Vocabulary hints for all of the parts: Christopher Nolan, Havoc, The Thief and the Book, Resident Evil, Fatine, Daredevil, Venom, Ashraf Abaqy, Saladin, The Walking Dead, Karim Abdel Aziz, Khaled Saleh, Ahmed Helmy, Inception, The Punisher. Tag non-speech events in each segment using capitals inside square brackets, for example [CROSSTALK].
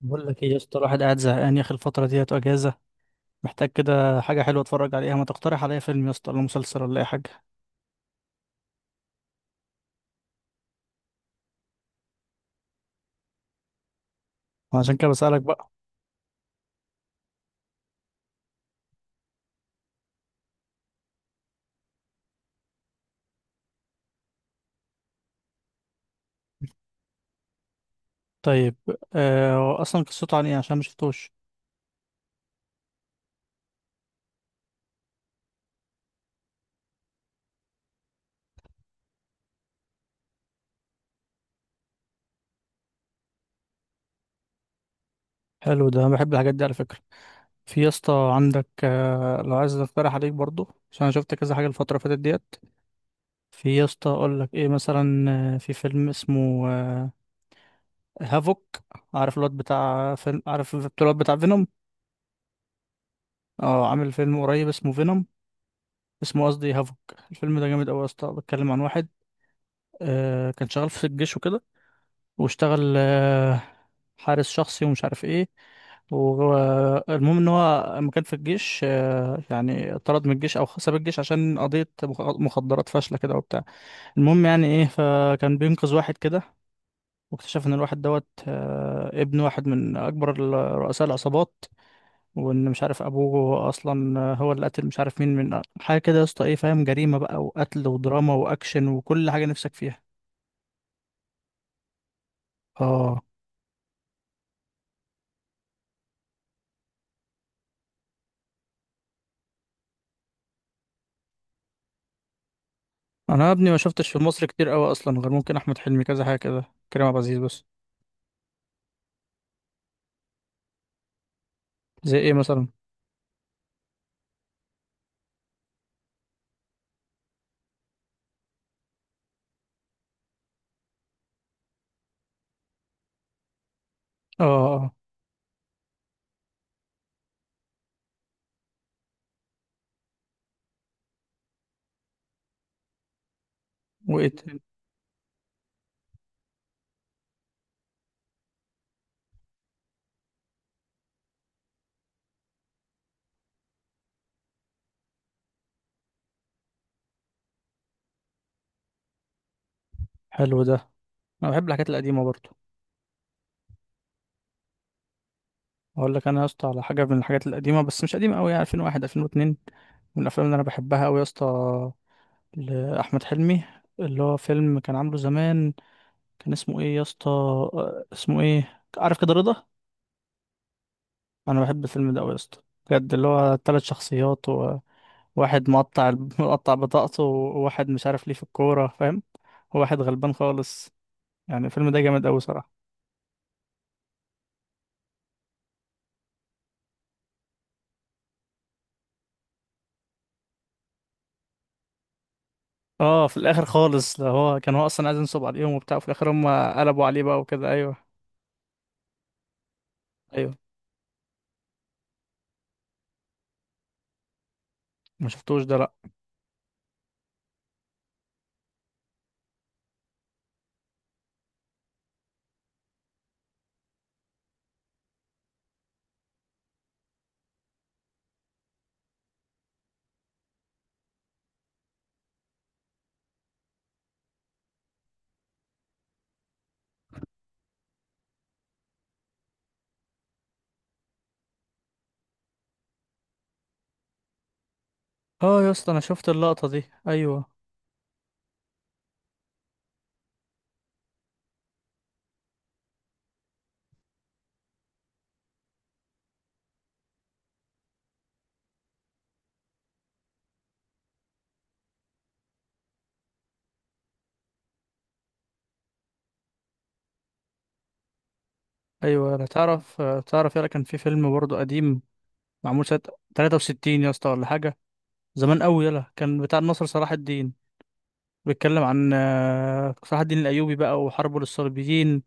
بقول لك ايه يا اسطى، الواحد قاعد زهقان يا اخي. الفترة ديت اجازة، محتاج كده حاجة حلوة اتفرج عليها. ما تقترح عليا فيلم يا اسطى ولا مسلسل ولا اي حاجة. وعشان كده بسألك بقى. طيب، هو اصلا قصته عن ايه؟ عشان ما شفتوش. حلو ده، أنا بحب الحاجات دي على فكرة. في يا اسطى عندك لو عايز اقترح عليك برضو، عشان انا شفت كذا حاجة الفترة اللي فاتت ديت. في يا اسطى اقول لك ايه مثلا، في فيلم اسمه، هافوك. عارف الواد بتاع فيلم؟ عارف الواد بتاع فينوم؟ اه، عامل فيلم قريب اسمه فينوم، اسمه قصدي هافوك. الفيلم ده جامد قوي يا اسطى. بيتكلم عن واحد كان شغال في الجيش وكده، واشتغل حارس شخصي ومش عارف ايه. المهم ان هو لما كان في الجيش، يعني اتطرد من الجيش او ساب الجيش عشان قضية مخدرات فاشلة كده وبتاع. المهم يعني ايه، فكان بينقذ واحد كده، واكتشف ان الواحد دوت، ابن واحد من اكبر رؤساء العصابات. وان مش عارف ابوه اصلا هو اللي قتل مش عارف مين من حاجه كده يا اسطى، ايه فاهم؟ جريمه بقى وقتل ودراما واكشن وكل حاجه نفسك فيها. اه. انا يا ابني ما شفتش في مصر كتير قوي اصلا، غير ممكن احمد حلمي كذا حاجه كده، كريم عبد العزيز بس. زي ايه مثلا؟ اه. اه. وايه تاني؟ حلو ده، انا بحب الحاجات القديمه برضه. اقول لك انا يا اسطى على حاجه من الحاجات القديمه، بس مش قديمه قوي، يعني 2001 2002. من الافلام اللي انا بحبها قوي يا اسطى، لاحمد حلمي، اللي هو فيلم كان عامله زمان. كان اسمه ايه يا اسطى؟ اسمه ايه؟ عارف كده رضا. انا بحب الفيلم ده قوي يا اسطى بجد. اللي هو ثلاث شخصيات، وواحد مقطع [LAUGHS] مقطع بطاقته، وواحد مش عارف ليه في الكوره، فاهم؟ وواحد غلبان خالص. يعني الفيلم ده جامد قوي صراحه. اه، في الاخر خالص ده، هو كان هو اصلا عايز ينصب عليهم وبتاع، وفي الاخر هم قلبوا عليه بقى وكده. ايوه. ايوه. ما شفتوش ده لا. اه يا اسطى انا شفت اللقطه دي. ايوه. ايوه. انا تعرف تعرف، يلا كان في فيلم برضه قديم، معمول سنه 63 يا اسطى ولا حاجه، زمان قوي. يلا كان بتاع النصر صلاح الدين. بيتكلم عن، صلاح الدين الأيوبي بقى وحربه للصليبيين،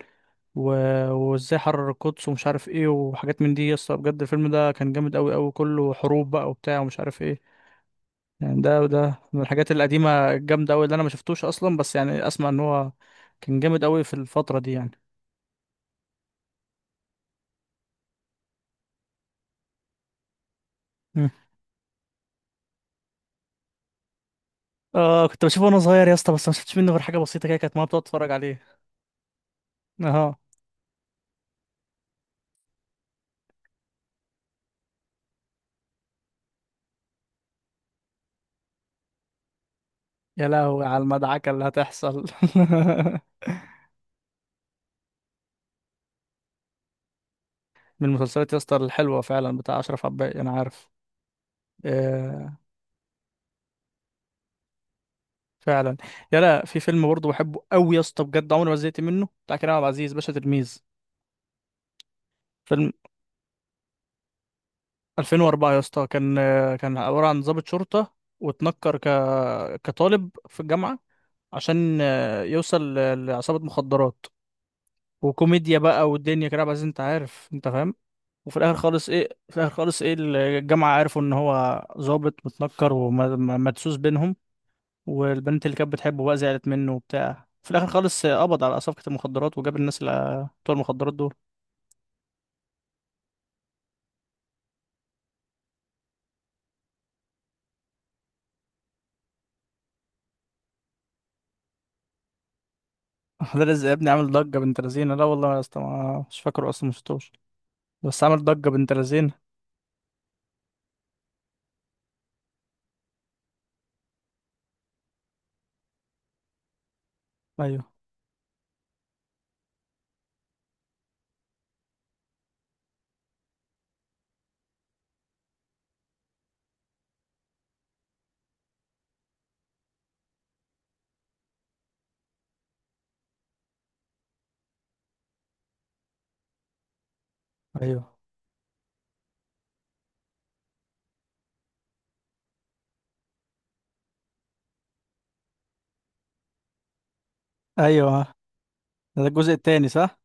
و... وازاي حرر القدس ومش عارف ايه وحاجات من دي يا اسطى. بجد الفيلم ده كان جامد قوي قوي، كله حروب بقى وبتاع ومش عارف ايه. يعني ده من الحاجات القديمة الجامدة قوي اللي انا ما شفتوش اصلا، بس يعني اسمع ان هو كان جامد قوي في الفترة دي يعني. مم. اه كنت بشوفه وانا صغير يا اسطى، بس ما شفتش منه غير حاجة بسيطة كده، كانت ماما بتقعد تتفرج عليه. اه. يا لهوي على المدعكة اللي هتحصل. [LAUGHS] من المسلسلات يا اسطى الحلوه فعلا بتاع اشرف عباقي انا عارف. آه. فعلا. يا لا، في فيلم برضه بحبه قوي يا اسطى بجد، عمري ما زهقت منه، بتاع كريم عبد العزيز، باشا تلميذ. فيلم 2004 يا اسطى، كان، كان عباره عن ضابط شرطه، واتنكر كطالب في الجامعه، عشان، يوصل لعصابه مخدرات. وكوميديا بقى والدنيا كريم عبد العزيز، انت عارف انت فاهم. وفي الاخر خالص ايه، في الاخر خالص ايه، الجامعه عرفوا ان هو ظابط متنكر ومدسوس بينهم، والبنت اللي كانت بتحبه بقى زعلت منه وبتاع، في الاخر خالص قبض على صفقة المخدرات وجاب الناس اللي بتوع المخدرات دول. [LAUGHS] ده رزق يا ابني عامل ضجة بنت لذينة؟ لا والله يا اسطى، مش فاكره اصلا، مش شفتوش. بس عامل ضجة بنت لذينة. ايوه. ايوه. ايوه. ده الجزء التاني صح؟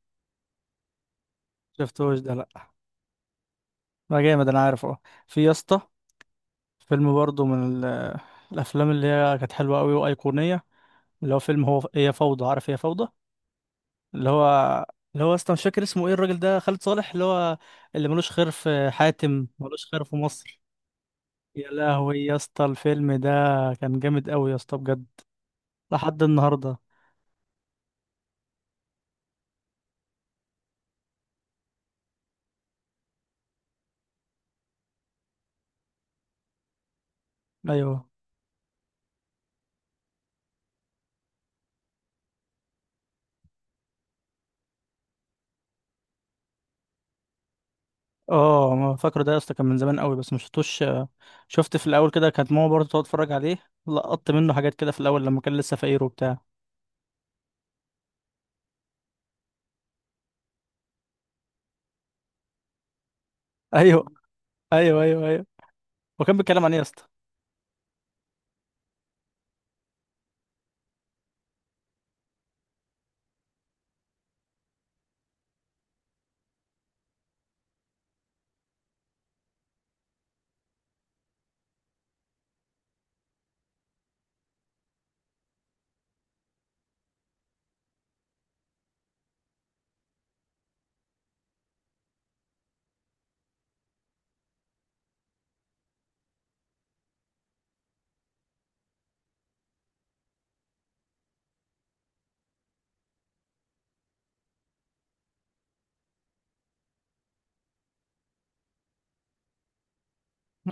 شفتوش ده لا. ما جامد انا عارف اه. في يا اسطى فيلم برضه من الافلام اللي هي كانت حلوة قوي وايقونية، اللي هو فيلم هو، هي فوضى، عارف هي فوضى، اللي هو، اللي هو اصلا مش فاكر اسمه ايه، الراجل ده خالد صالح، اللي هو اللي ملوش خير في حاتم، ملوش خير في مصر. يا لهوي يا اسطى الفيلم ده كان جامد قوي يا اسطى بجد، لحد النهارده. ايوه. اه ما فاكره ده يا اسطى، كان من زمان قوي بس ما شفتوش، شفت في الاول كده كانت ماما برضه تقعد تتفرج عليه، لقطت منه حاجات كده في الاول لما كان لسه فقير وبتاع. ايوه. ايوه. ايوه. ايوه. وكان بيتكلم عن ايه يا اسطى؟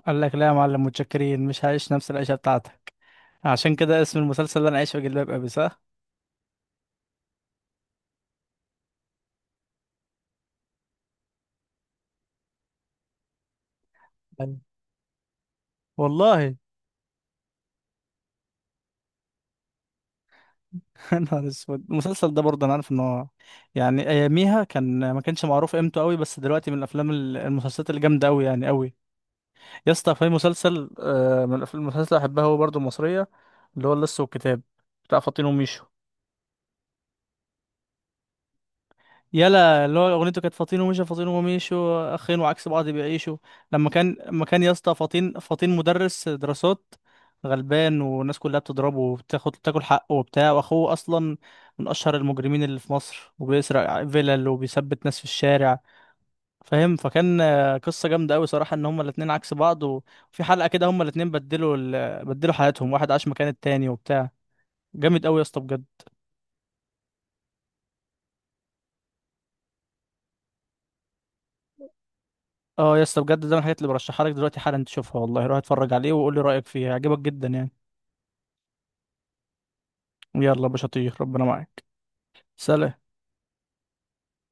قال لك لا يا معلم متشكرين، مش هعيش نفس العيشه بتاعتك. عشان كده اسم المسلسل ده انا عايش في جلباب ابي، صح؟ أيوة. والله. يا نهار اسود، المسلسل ده برضه انا عارف ان هو، يعني اياميها كان ما كانش معروف قيمته قوي، بس دلوقتي من الافلام المسلسلات الجامده قوي يعني قوي. يا اسطى في مسلسل، من المسلسلات اللي بحبها هو برضه المصريه، اللي هو اللص والكتاب، بتاع فاطين وميشو. يلا اللي هو اغنيته كانت فاطين ومشى، فاطين ومشوا اخين وعكس بعض بيعيشوا. لما كان يا اسطى، فاطين مدرس دراسات غلبان، والناس كلها بتضربه وبتاخد تاكل حقه وبتاع، واخوه اصلا من اشهر المجرمين اللي في مصر، وبيسرق فيلل وبيثبت ناس في الشارع، فاهم؟ فكان، قصه جامده قوي صراحه، ان هما الاتنين عكس بعض، وفي حلقه كده هما الاتنين بدلوا بدلوا حياتهم، واحد عاش مكان التاني وبتاع. جامد قوي يا اسطى بجد. اه يا اسطى بجد ده من الحاجات اللي برشحها لك دلوقتي حالا تشوفها، والله روح اتفرج عليه وقول لي رأيك فيها، هيعجبك جدا يعني. يلا يا باشا، طير، ربنا معاك. سلام.